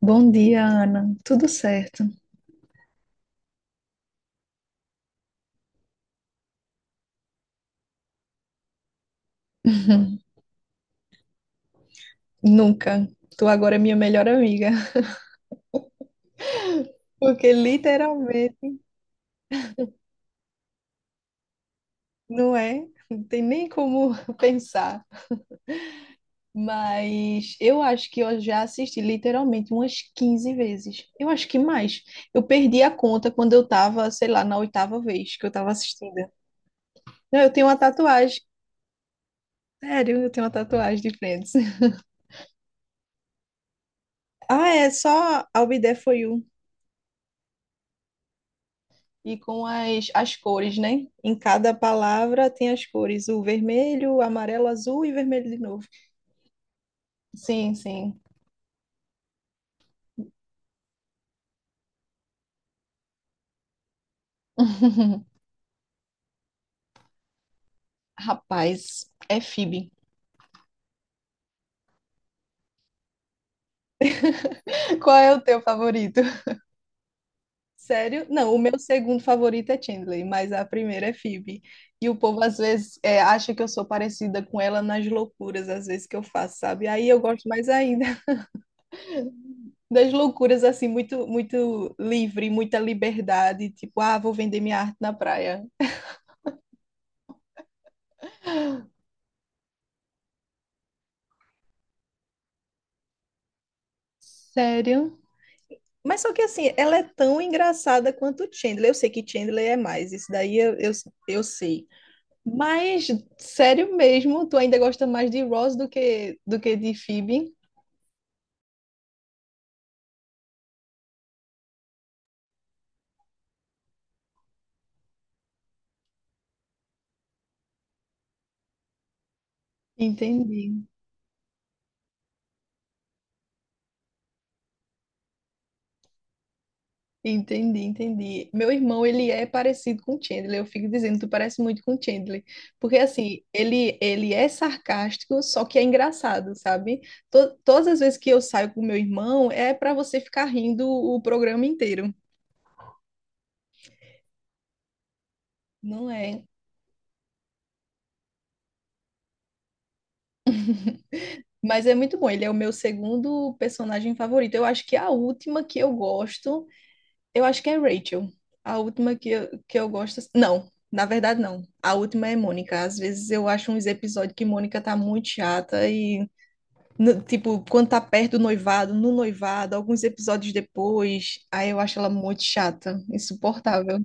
Bom dia, Ana. Tudo certo? Nunca. Tu agora é minha melhor amiga. Porque literalmente não é, não tem nem como pensar. Mas eu acho que eu já assisti literalmente umas quinze vezes. Eu acho que mais. Eu perdi a conta quando eu tava, sei lá, na oitava vez que eu tava assistindo. Não, eu tenho uma tatuagem. Sério, eu tenho uma tatuagem de Friends. Ah, é só I'll Be There For You. E com as cores, né? Em cada palavra tem as cores, o vermelho, amarelo, azul e vermelho de novo. Sim, sim. Rapaz, é Phoebe. Qual é o teu favorito? Sério? Não, o meu segundo favorito é Chandler, mas a primeira é Phoebe. E o povo às vezes é, acha que eu sou parecida com ela nas loucuras, às vezes que eu faço, sabe? Aí eu gosto mais ainda das loucuras assim, muito muito livre, muita liberdade, tipo, ah, vou vender minha arte na praia. Sério? Mas só que assim, ela é tão engraçada quanto Chandler. Eu sei que Chandler é mais, isso daí eu eu sei. Mas, sério mesmo, tu ainda gosta mais de Ross do que de Phoebe? Entendi. Entendi, entendi. Meu irmão, ele é parecido com o Chandler. Eu fico dizendo, tu parece muito com o Chandler. Porque, assim, ele é sarcástico, só que é engraçado, sabe? Todas as vezes que eu saio com meu irmão, é para você ficar rindo o programa inteiro. Não é? Mas é muito bom. Ele é o meu segundo personagem favorito. Eu acho que é a última que eu gosto. Eu acho que é Rachel. A última que eu gosto. Assim, não, na verdade, não. A última é Mônica. Às vezes eu acho uns episódios que Mônica tá muito chata e, tipo, quando tá perto do noivado, no noivado, alguns episódios depois, aí eu acho ela muito chata, insuportável.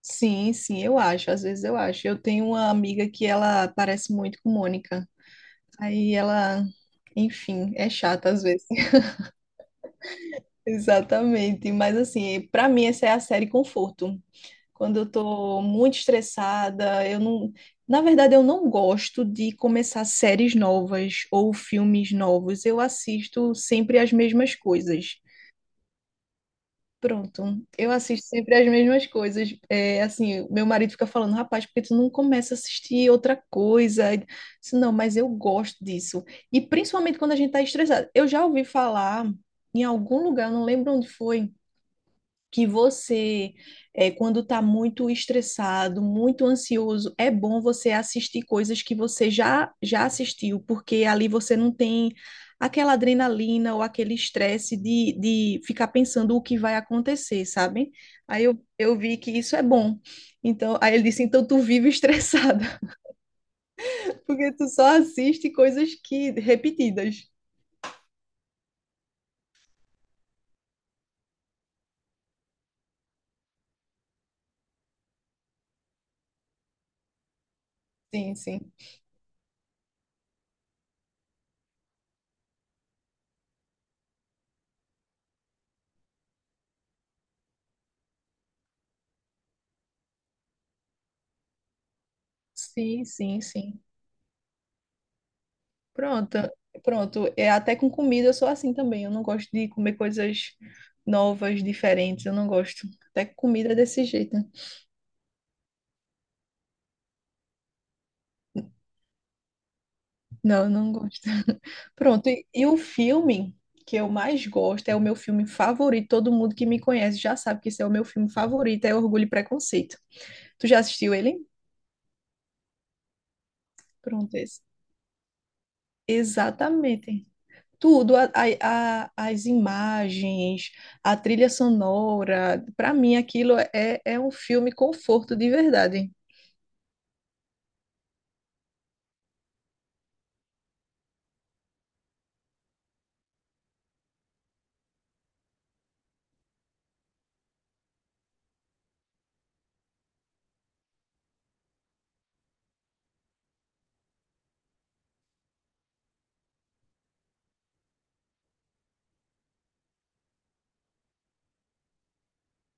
Sim, sim, eu acho. Às vezes eu acho. Eu tenho uma amiga que ela parece muito com Mônica. Aí ela, enfim, é chata às vezes. Exatamente. Mas, assim, pra mim, essa é a série conforto. Quando eu tô muito estressada, eu não. Na verdade, eu não gosto de começar séries novas ou filmes novos. Eu assisto sempre as mesmas coisas. Pronto, eu assisto sempre as mesmas coisas. É, assim, meu marido fica falando, rapaz, porque tu não começa a assistir outra coisa? Eu disse, não, mas eu gosto disso. E principalmente quando a gente tá estressado. Eu já ouvi falar em algum lugar, eu não lembro onde foi que você, é, quando está muito estressado, muito ansioso, é bom você assistir coisas que você já assistiu, porque ali você não tem aquela adrenalina ou aquele estresse de ficar pensando o que vai acontecer, sabe? Aí eu vi que isso é bom. Então, aí ele disse, então tu vive estressada, porque tu só assiste coisas que repetidas. Sim, sim. Sim, sim, sim. Pronto, pronto. É, até com comida eu sou assim também. Eu não gosto de comer coisas novas, diferentes. Eu não gosto. Até com comida é desse jeito. Não, eu não gosto. Pronto. E o filme que eu mais gosto é o meu filme favorito. Todo mundo que me conhece já sabe que esse é o meu filme favorito, é Orgulho e Preconceito. Tu já assistiu ele? Pronto, esse. Exatamente. Tudo, as imagens, a trilha sonora, para mim aquilo é é um filme conforto de verdade.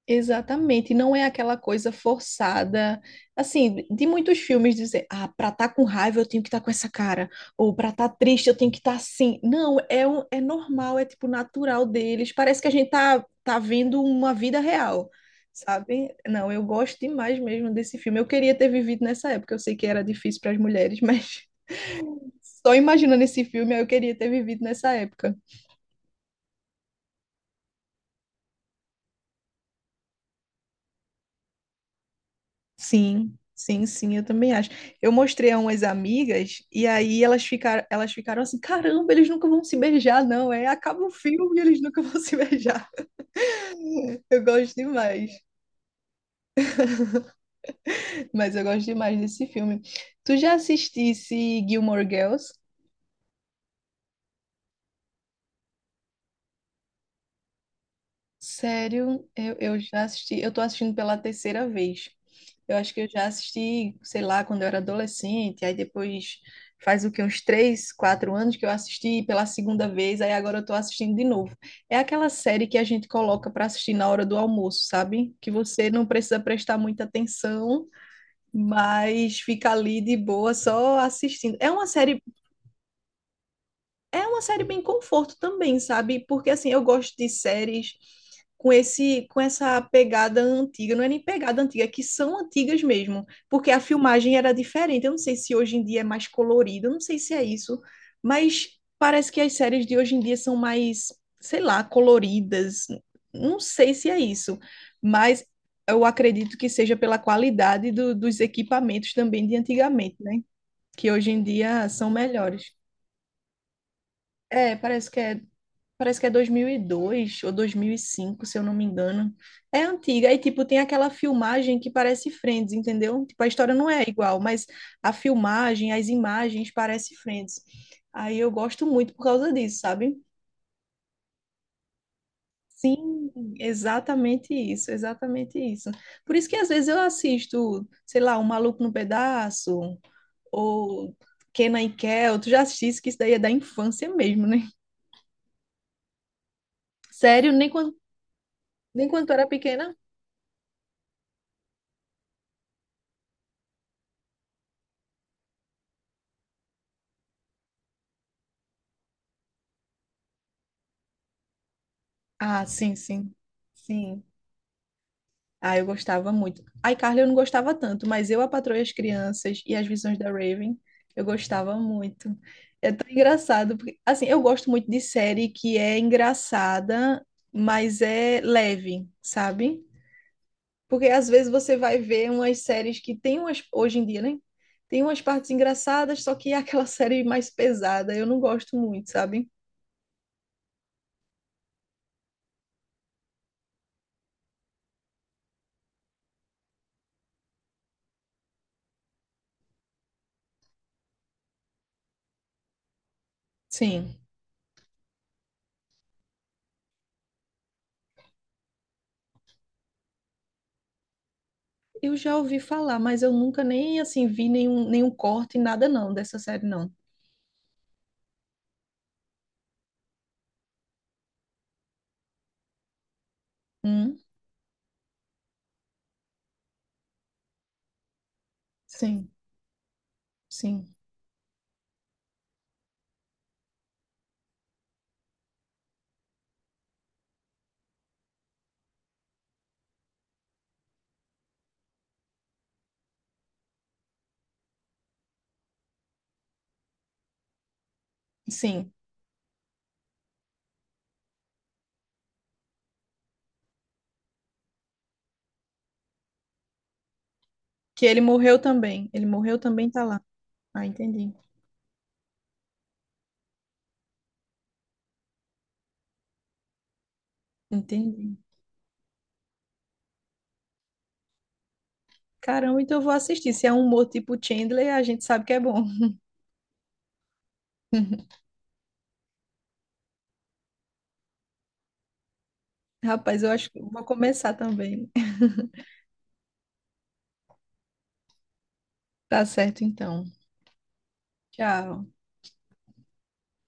Exatamente, não é aquela coisa forçada, assim, de muitos filmes dizer, ah, pra estar com raiva eu tenho que estar com essa cara, ou pra estar triste eu tenho que estar assim. Não, é, um, é normal, é tipo natural deles, parece que a gente tá vendo uma vida real, sabe? Não, eu gosto demais mesmo desse filme, eu queria ter vivido nessa época, eu sei que era difícil para as mulheres, mas... Só imaginando esse filme, eu queria ter vivido nessa época. Sim, sim, sim, eu também acho. Eu mostrei a umas amigas e aí elas ficaram assim, caramba, eles nunca vão se beijar, não, é, acaba o filme e eles nunca vão se beijar. Eu gosto demais, mas eu gosto demais desse filme. Tu já assistisse Gilmore Girls? Sério, eu já assisti, eu tô assistindo pela terceira vez. Eu acho que eu já assisti, sei lá, quando eu era adolescente, aí depois faz o que, uns três, quatro anos que eu assisti pela segunda vez, aí agora eu tô assistindo de novo. É aquela série que a gente coloca para assistir na hora do almoço, sabe? Que você não precisa prestar muita atenção, mas fica ali de boa só assistindo. É uma série bem conforto também, sabe? Porque assim, eu gosto de séries com essa pegada antiga, não é nem pegada antiga, é que são antigas mesmo, porque a filmagem era diferente. Eu não sei se hoje em dia é mais colorido, eu não sei se é isso, mas parece que as séries de hoje em dia são mais, sei lá, coloridas. Não sei se é isso, mas eu acredito que seja pela qualidade dos equipamentos também de antigamente, né? Que hoje em dia são melhores. É, parece que é Parece que é 2002 ou 2005, se eu não me engano. É antiga. E, tipo, tem aquela filmagem que parece Friends, entendeu? Tipo, a história não é igual, mas a filmagem, as imagens parece Friends. Aí eu gosto muito por causa disso, sabe? Sim, exatamente isso, exatamente isso. Por isso que às vezes eu assisto, sei lá, O Maluco no Pedaço ou Kenan e Kel. Tu já assististe que isso daí é da infância mesmo, né? Sério, nem quando tu era pequena, ah, sim, sim. Sim. Ah, eu gostava muito. A iCarly eu não gostava tanto, mas eu, a Patroa e as Crianças e as Visões da Raven, eu gostava muito. É tão engraçado, porque, assim, eu gosto muito de série que é engraçada, mas é leve, sabe? Porque às vezes você vai ver umas séries que tem umas, hoje em dia, né? Tem umas partes engraçadas, só que é aquela série mais pesada. Eu não gosto muito, sabe? Sim. Eu já ouvi falar, mas eu nunca nem assim vi nenhum, nenhum corte, nada não, dessa série não. Hum? Sim, sim, sim. Que ele morreu também. Ele morreu também, tá lá. Ah, entendi. Entendi. Caramba, então eu vou assistir. Se é um humor tipo Chandler, a gente sabe que é bom. Rapaz, eu acho que eu vou começar também. Tá certo, então. Tchau.